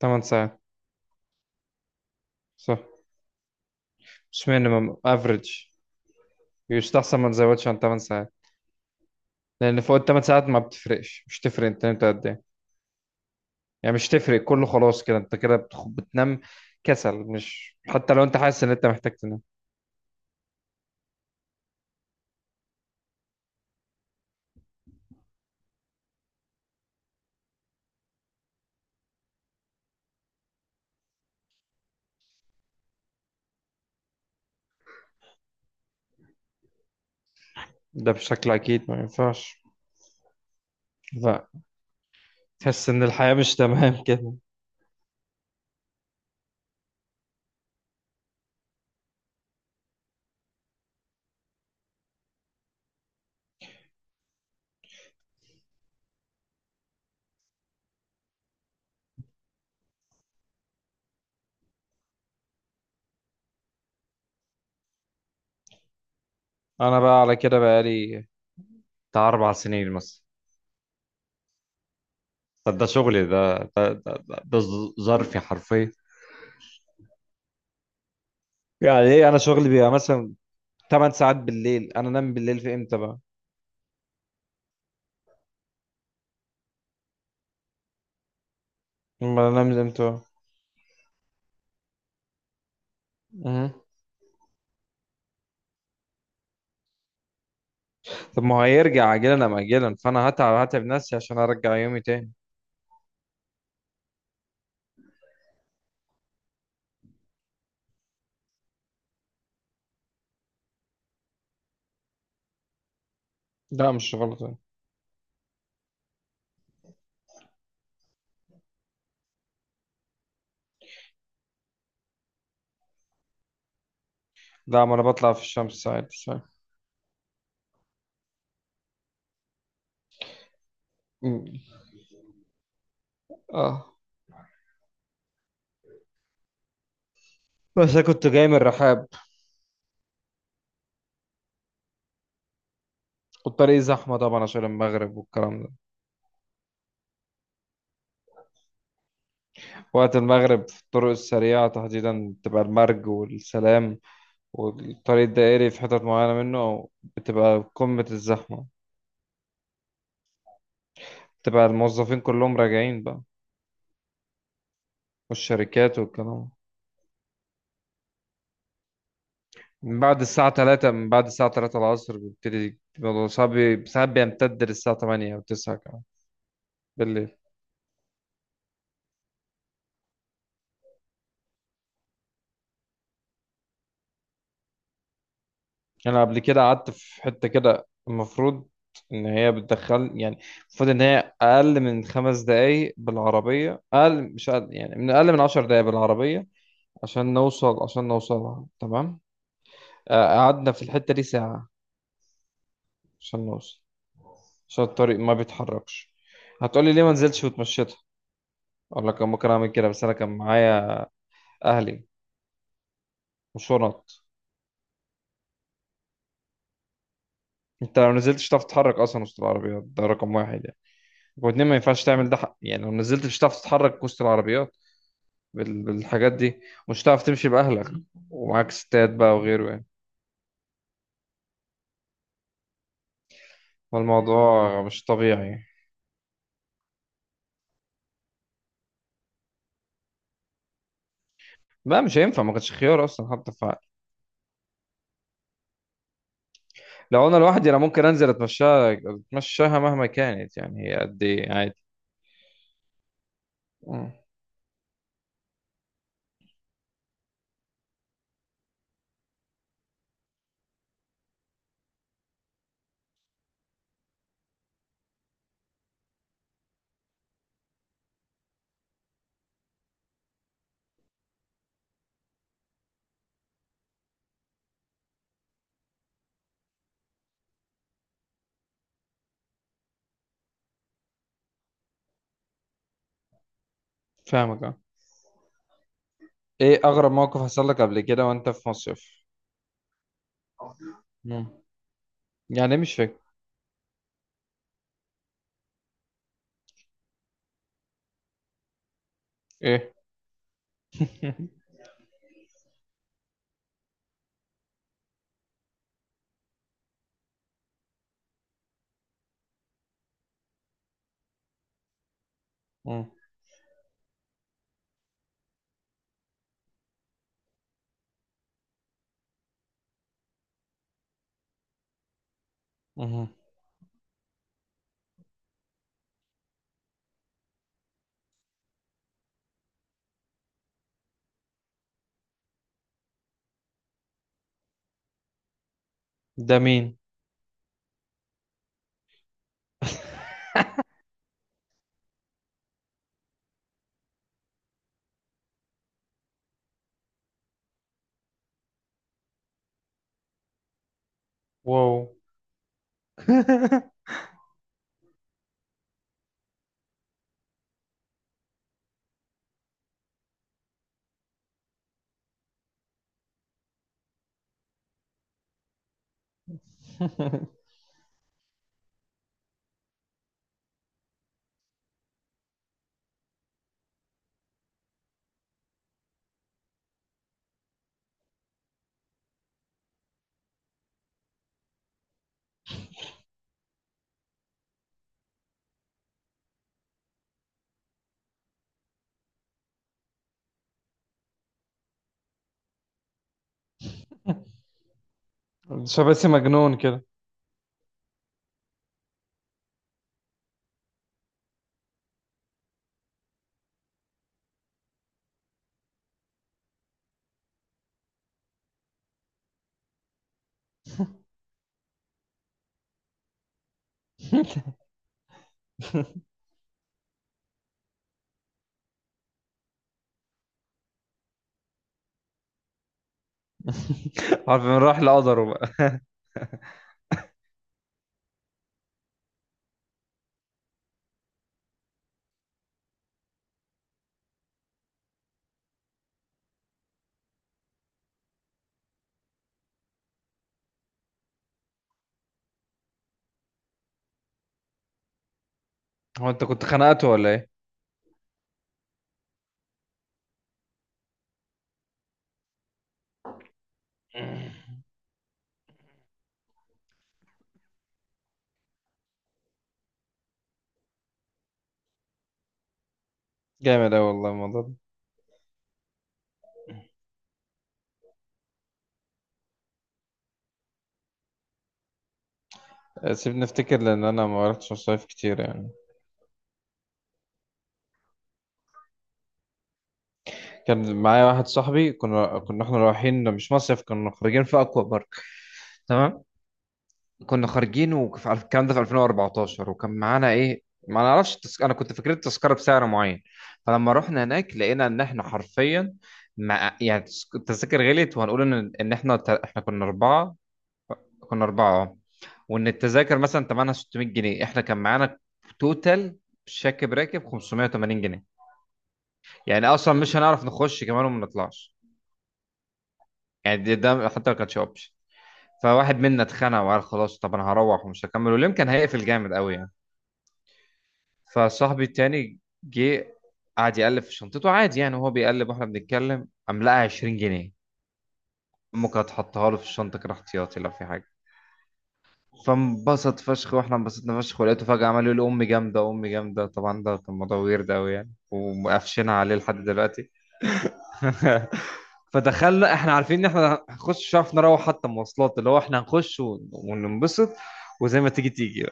8 ساعات. صح. مش مينيمم افريج. يستحسن ما تزودش عن 8 ساعات، لان فوق ال 8 ساعات ما بتفرقش. مش تفرق انت نمت قد ايه. يعني مش تفرق، كله خلاص كده انت كده بتنام. كسل. مش حتى لو انت حاسس ان انت محتاج تنام ده بشكل اكيد ما ينفعش. لا. تحس ان الحياة مش تمام كده. انا بقى على كده بقالي بتاع 4 سنين مثلا. طب ده شغلي، ده ظرفي حرفيا. يعني ايه، انا شغلي بيبقى مثلا 8 ساعات بالليل. انا انام بالليل في امتى بقى؟ ما انا لازم امتى؟ مهم. طب ما هو هيرجع اجلا ام اجلا، فانا هتعب نفسي عشان ارجع يومي تاني. لا مش غلط يعني. لا ما انا بطلع في الشمس عادي. صح. مم. اه. بس انا كنت جاي من الرحاب، والطريق زحمه طبعا عشان المغرب والكلام ده. وقت المغرب في الطرق السريعه تحديدا بتبقى المرج والسلام، والطريق الدائري في حتت معينه منه بتبقى قمه الزحمه. بتبقى الموظفين كلهم راجعين بقى، والشركات والكلام. من بعد الساعة 3 العصر بيبتدي الموضوع صعب، ساعات بيمتد للساعة 8 أو 9 كمان بالليل. أنا قبل كده قعدت في حتة كده، المفروض إن هي بتدخل يعني، المفروض إن هي أقل من 5 دقايق بالعربية، أقل مش أقل يعني، من أقل من 10 دقايق بالعربية عشان نوصل، عشان نوصلها تمام. قعدنا في الحتة دي ساعة عشان نوصل، عشان الطريق ما بيتحركش. هتقولي ليه ما نزلتش وتمشيتها؟ أقول لك أنا ممكن أعمل كده، بس أنا كان معايا أهلي وشنط. انت لو نزلت مش هتعرف تتحرك اصلا وسط العربيات، ده رقم واحد يعني. واتنين، ما ينفعش تعمل ده حق. يعني لو نزلت مش هتعرف تتحرك وسط العربيات بالحاجات دي. مش هتعرف تمشي باهلك ومعاك ستات بقى وغيره يعني. فالموضوع مش طبيعي. لا مش هينفع، ما كانش خيار اصلا حتى لو انا لوحدي انا ممكن انزل اتمشاها مهما كانت يعني، هي قد ايه عادي. مم. فاهمك اه. ايه اغرب موقف حصل لك قبل كده وانت في مصيف؟ مم. يعني إيه مش فاكر؟ ايه؟ مم. مم. ده مين؟ واو. شباسي مجنون كده. عارف من راح لقدره بقى. هو انت كنت خنقته ولا ايه؟ جامد اوي والله الموضوع ده. سيبني افتكر، لان انا ما رحتش مصايف كتير يعني. كان معايا واحد صاحبي، كنا احنا رايحين مش مصيف، كنا خارجين في اكوا بارك. تمام. كنا خارجين على الكلام ده في 2014، وكان معانا ايه ما نعرفش انا كنت فاكر التذكره بسعر معين. فلما رحنا هناك لقينا ان احنا حرفيا مع... يعني التذاكر غليت، وهنقول ان احنا احنا كنا اربعه. اه. وان التذاكر مثلا ثمنها 600 جنيه، احنا كان معانا توتال شاكب راكب 580 جنيه. يعني اصلا مش هنعرف نخش كمان وما نطلعش. يعني ده حتى ما كانش اوبشن. فواحد منا اتخانق وقال خلاص طب انا هروح ومش هكمل، واليوم كان هيقفل جامد قوي يعني. فصاحبي التاني جه قعد يقلب في شنطته عادي يعني، وهو بيقلب واحنا بنتكلم قام لقى 20 جنيه ممكن هتحطها له في الشنطه كده احتياطي لو في حاجه. فانبسط فشخ، واحنا انبسطنا فشخ، ولقيته فجاه عمال يقول امي جامده امي جامده. طبعا ده كان موضوع ويرد قوي يعني، ومقفشينها عليه لحد دلوقتي. فدخلنا احنا عارفين ان احنا هنخش، مش عارف نروح حتى مواصلات، اللي هو احنا هنخش وننبسط وزي ما تيجي تيجي.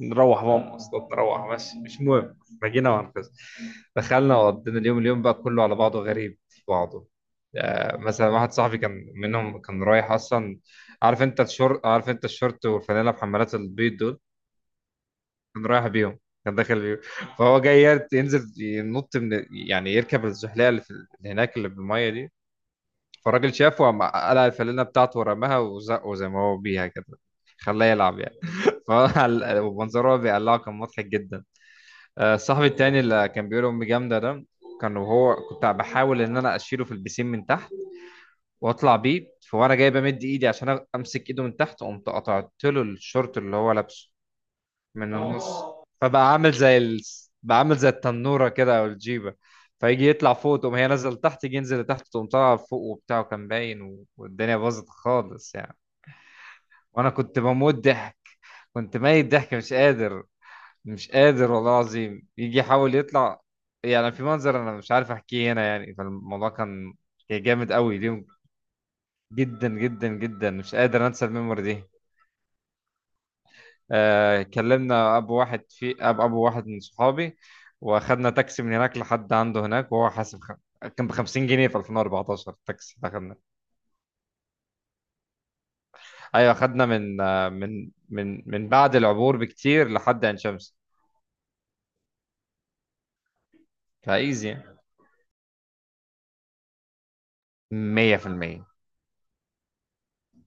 نروح بقى مواصلات نروح، بس مش مهم احنا جينا وهنخس. دخلنا وقضينا اليوم، اليوم بقى كله على بعضه غريب في بعضه. آه مثلا واحد صاحبي كان منهم كان رايح اصلا. عارف انت الشورت، عارف انت الشورت والفانيله بحمالات البيض دول؟ كان رايح بيهم، كان داخل بيهم. فهو جاي ينزل ينط من يعني يركب الزحليقه اللي هناك اللي بالميه دي. فالراجل شافه وقام قلع الفانيله بتاعته ورماها وزقه زي ما هو بيها كده، خلاه يلعب يعني. فمنظره بيقلعه كان مضحك جدا. صاحبي التاني اللي كان بيقول امي جامده ده، كان وهو كنت بحاول ان انا اشيله في البسين من تحت واطلع بيه، فوانا جاي بمد ايدي عشان امسك ايده من تحت قمت قطعت له الشورت اللي هو لابسه من النص. فبقى عامل زي بقى عامل زي التنوره كده او الجيبه. فيجي يطلع فوق تقوم هي نازله لتحت، يجي ينزل لتحت تقوم طالعه فوق وبتاع، وكان باين والدنيا باظت خالص يعني. وانا كنت بموت ضحك، كنت ميت ضحك مش قادر، مش قادر والله العظيم يجي يحاول يطلع. يعني في منظر انا مش عارف احكيه هنا يعني. فالموضوع كان، كان جامد قوي اليوم. جدا جدا جدا مش قادر انسى الميموري دي. آه كلمنا ابو واحد في اب ابو واحد من صحابي، واخدنا تاكسي من هناك لحد عنده هناك، وهو حاسب كان ب 50 جنيه في 2014 التاكسي اللي اخدنا. ايوه اخدنا من بعد العبور بكتير لحد عين شمس. فايزي. 100%.